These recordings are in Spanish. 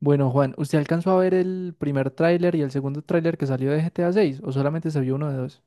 Bueno, Juan, ¿usted alcanzó a ver el primer tráiler y el segundo tráiler que salió de GTA 6 o solamente se vio uno de dos?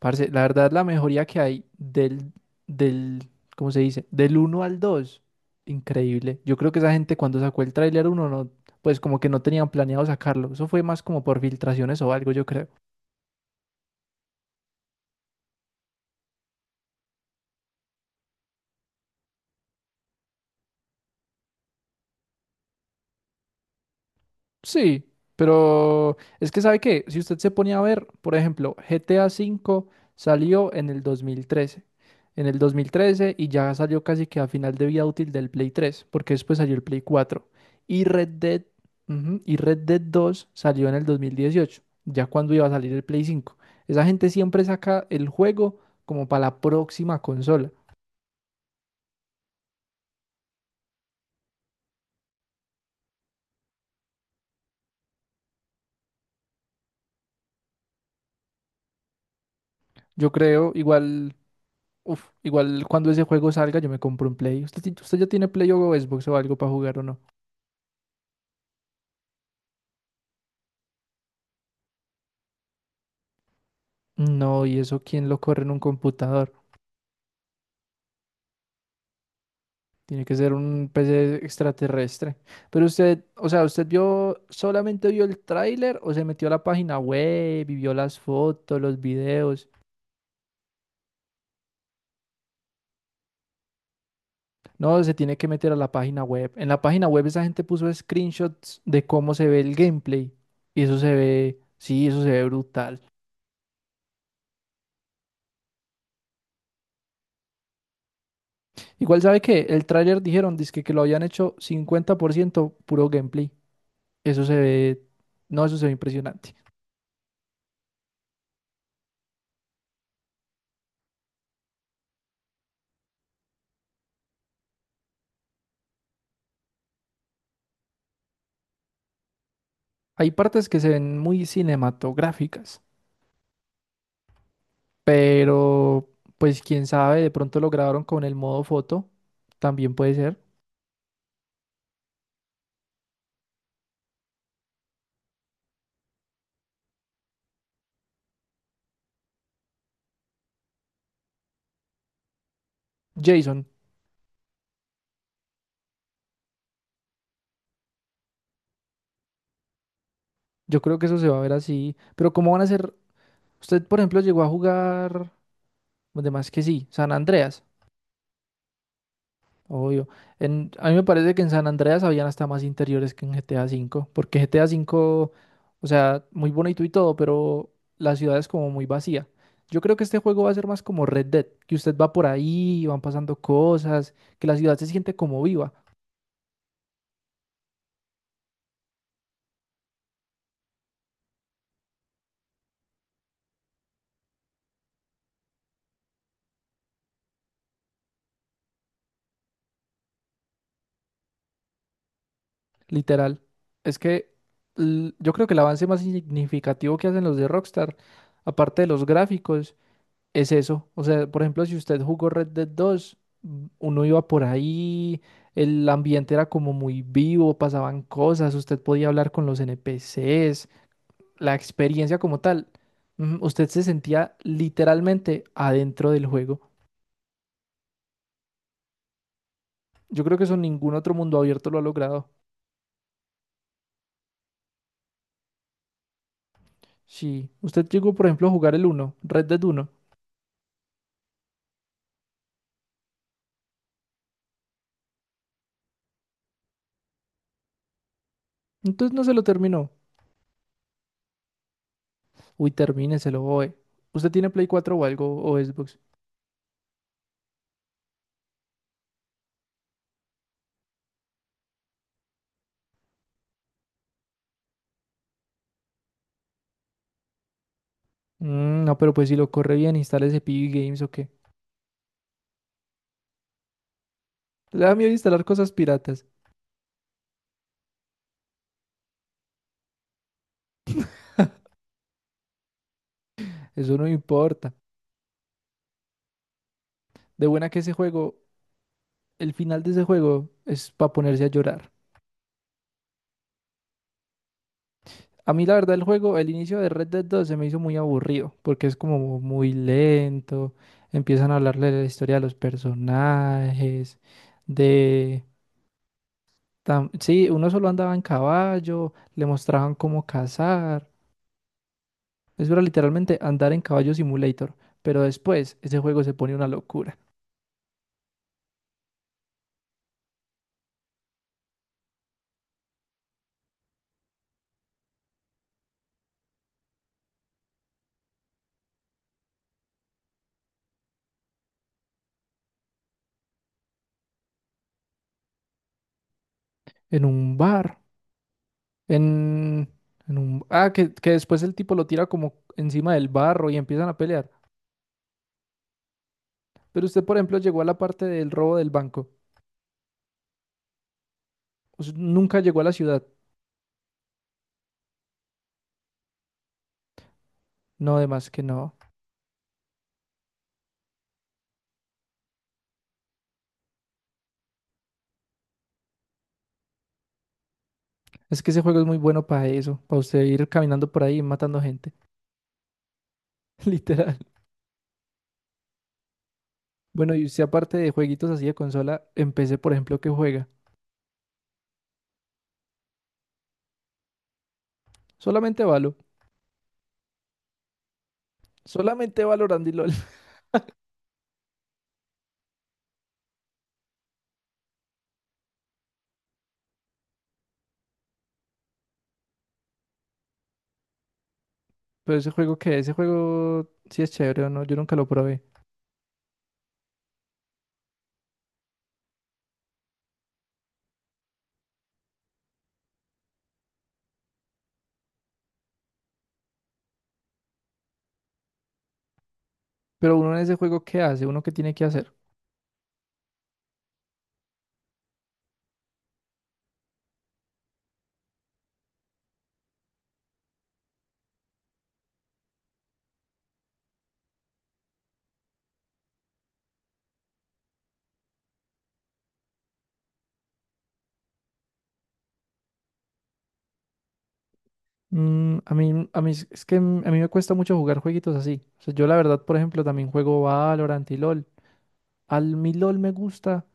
Parce, la verdad la mejoría que hay del ¿cómo se dice? Del uno al 2, increíble. Yo creo que esa gente cuando sacó el tráiler uno no, pues como que no tenían planeado sacarlo. Eso fue más como por filtraciones o algo, yo creo. Sí, pero es que sabe que si usted se ponía a ver, por ejemplo, GTA V salió en el 2013. En el 2013 y ya salió casi que a final de vida útil del Play 3, porque después salió el Play cuatro. Y Red Dead, ujú, y Red Dead dos salió en el 2018, ya cuando iba a salir el Play 5. Esa gente siempre saca el juego como para la próxima consola. Yo creo, igual, uf, igual cuando ese juego salga, yo me compro un Play. ¿Usted ya tiene Play o Xbox o algo para jugar o no? No, ¿y eso quién lo corre en un computador? Tiene que ser un PC extraterrestre. Pero usted, o sea, ¿usted vio, solamente vio el tráiler o se metió a la página web y vio las fotos, los videos? No, se tiene que meter a la página web. En la página web esa gente puso screenshots de cómo se ve el gameplay. Y eso se ve, sí, eso se ve brutal. Igual sabe que el tráiler dijeron, dizque que lo habían hecho 50% puro gameplay. Eso se ve, no, eso se ve impresionante. Hay partes que se ven muy cinematográficas, pero pues quién sabe, de pronto lo grabaron con el modo foto, también puede ser. Jason, yo creo que eso se va a ver así, pero ¿cómo van a ser? Usted, por ejemplo, llegó a jugar, además que sí, San Andreas. Obvio. En, a mí me parece que en San Andreas habían hasta más interiores que en GTA V, porque GTA V, o sea, muy bonito y todo, pero la ciudad es como muy vacía. Yo creo que este juego va a ser más como Red Dead, que usted va por ahí, van pasando cosas, que la ciudad se siente como viva, literal. Es que yo creo que el avance más significativo que hacen los de Rockstar, aparte de los gráficos, es eso. O sea, por ejemplo, si usted jugó Red Dead dos, uno iba por ahí, el ambiente era como muy vivo, pasaban cosas, usted podía hablar con los NPCs, la experiencia como tal. Usted se sentía literalmente adentro del juego. Yo creo que eso ningún otro mundo abierto lo ha logrado. Si usted llegó, por ejemplo, a jugar el uno Red Dead uno, entonces no se lo terminó. Uy, termíneselo, oe. ¿Usted tiene Play 4 o algo, o Xbox? Mm, no, pero pues si lo corre bien, instale ese PB Games o le da miedo instalar cosas piratas. Eso no importa. De buena que ese juego, el final de ese juego es para ponerse a llorar. A mí la verdad el juego, el inicio de Red Dead 2 se me hizo muy aburrido porque es como muy lento. Empiezan a hablarle de la historia de los personajes, de... Sí, uno solo andaba en caballo, le mostraban cómo cazar. Eso era literalmente andar en caballo simulator. Pero después ese juego se pone una locura. En un bar. En, en un... Ah, que después el tipo lo tira como encima del barro y empiezan a pelear. Pero usted, por ejemplo, llegó a la parte del robo del banco. Nunca llegó a la ciudad. No, además que no. Es que ese juego es muy bueno para eso, para usted ir caminando por ahí y matando gente. Literal. Bueno, y usted aparte de jueguitos así de consola, empecé, por ejemplo, que juega. Solamente Valo. Solamente Valorant y LOL. Pero ese juego que, ese juego sí es chévere o no, yo nunca lo probé. Pero uno en ese juego, ¿qué hace? ¿Uno qué tiene que hacer? Mm, a mí, es que a mí me cuesta mucho jugar jueguitos así. O sea, yo la verdad, por ejemplo, también juego Valorant y LOL. Al mi LOL me gusta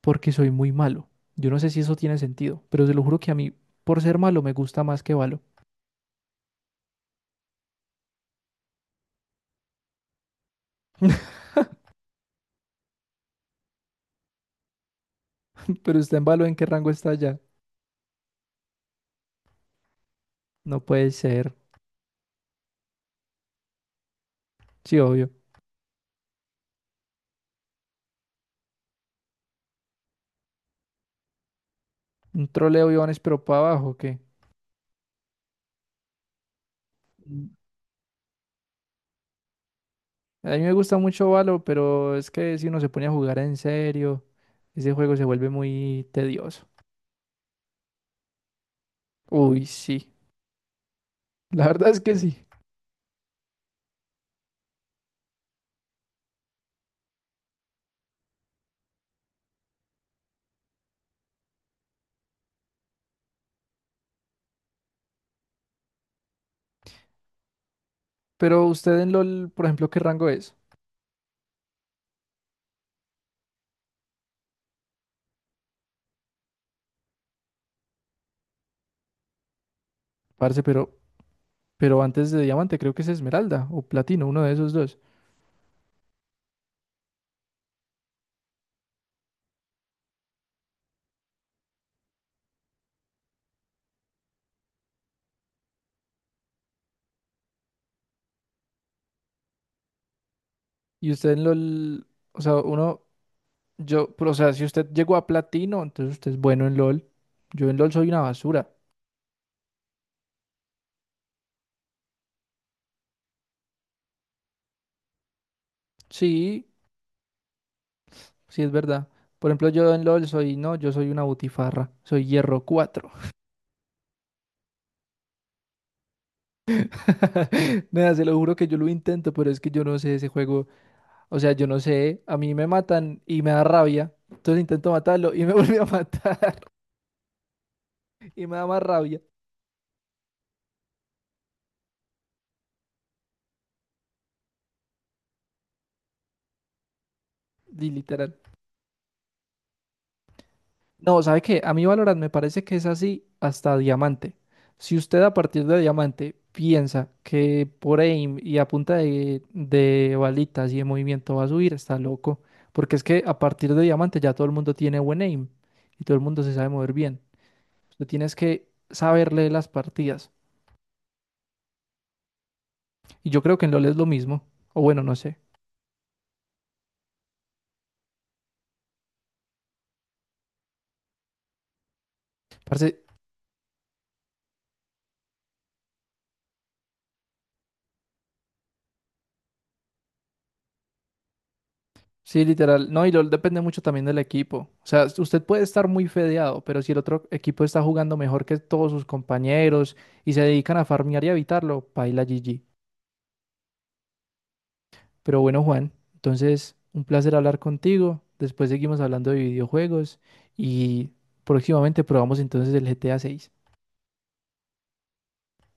porque soy muy malo. Yo no sé si eso tiene sentido, pero se lo juro que a mí, por ser malo, me gusta más que Valo. Pero usted en Valo, ¿en qué rango está ya? No puede ser. Sí, obvio. Un troleo, Iván, pero para abajo, ¿o qué? Mm. A mí me gusta mucho Valo, pero es que si uno se pone a jugar en serio, ese juego se vuelve muy tedioso. Uy, sí. La verdad es que sí. Pero usted en LOL, por ejemplo, ¿qué rango es? Parce, pero antes de diamante creo que es esmeralda o platino, uno de esos dos. Y usted en LOL, o sea, uno, yo, pero, o sea, si usted llegó a platino, entonces usted es bueno en LOL. Yo en LOL soy una basura. Sí, sí es verdad. Por ejemplo, yo en LOL soy, no, yo soy una butifarra, soy hierro cuatro. Nada, se lo juro que yo lo intento, pero es que yo no sé ese juego. O sea, yo no sé, a mí me matan y me da rabia. Entonces intento matarlo y me vuelve a matar. Y me da más rabia. Y literal. No, ¿sabe qué? A mí Valorant me parece que es así hasta diamante. Si usted a partir de diamante piensa que por aim y a punta de balitas y de movimiento va a subir, está loco. Porque es que a partir de diamante ya todo el mundo tiene buen aim y todo el mundo se sabe mover bien. Usted tienes que saber leer las partidas. Y yo creo que en LoL es lo mismo. O bueno, no sé. Parce, sí, literal. No, y lo depende mucho también del equipo. O sea, usted puede estar muy fedeado, pero si el otro equipo está jugando mejor que todos sus compañeros y se dedican a farmear y a evitarlo, paila GG. Pero bueno, Juan, entonces un placer hablar contigo. Después seguimos hablando de videojuegos y próximamente probamos entonces el GTA 6.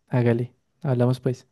Hágale, hablamos pues.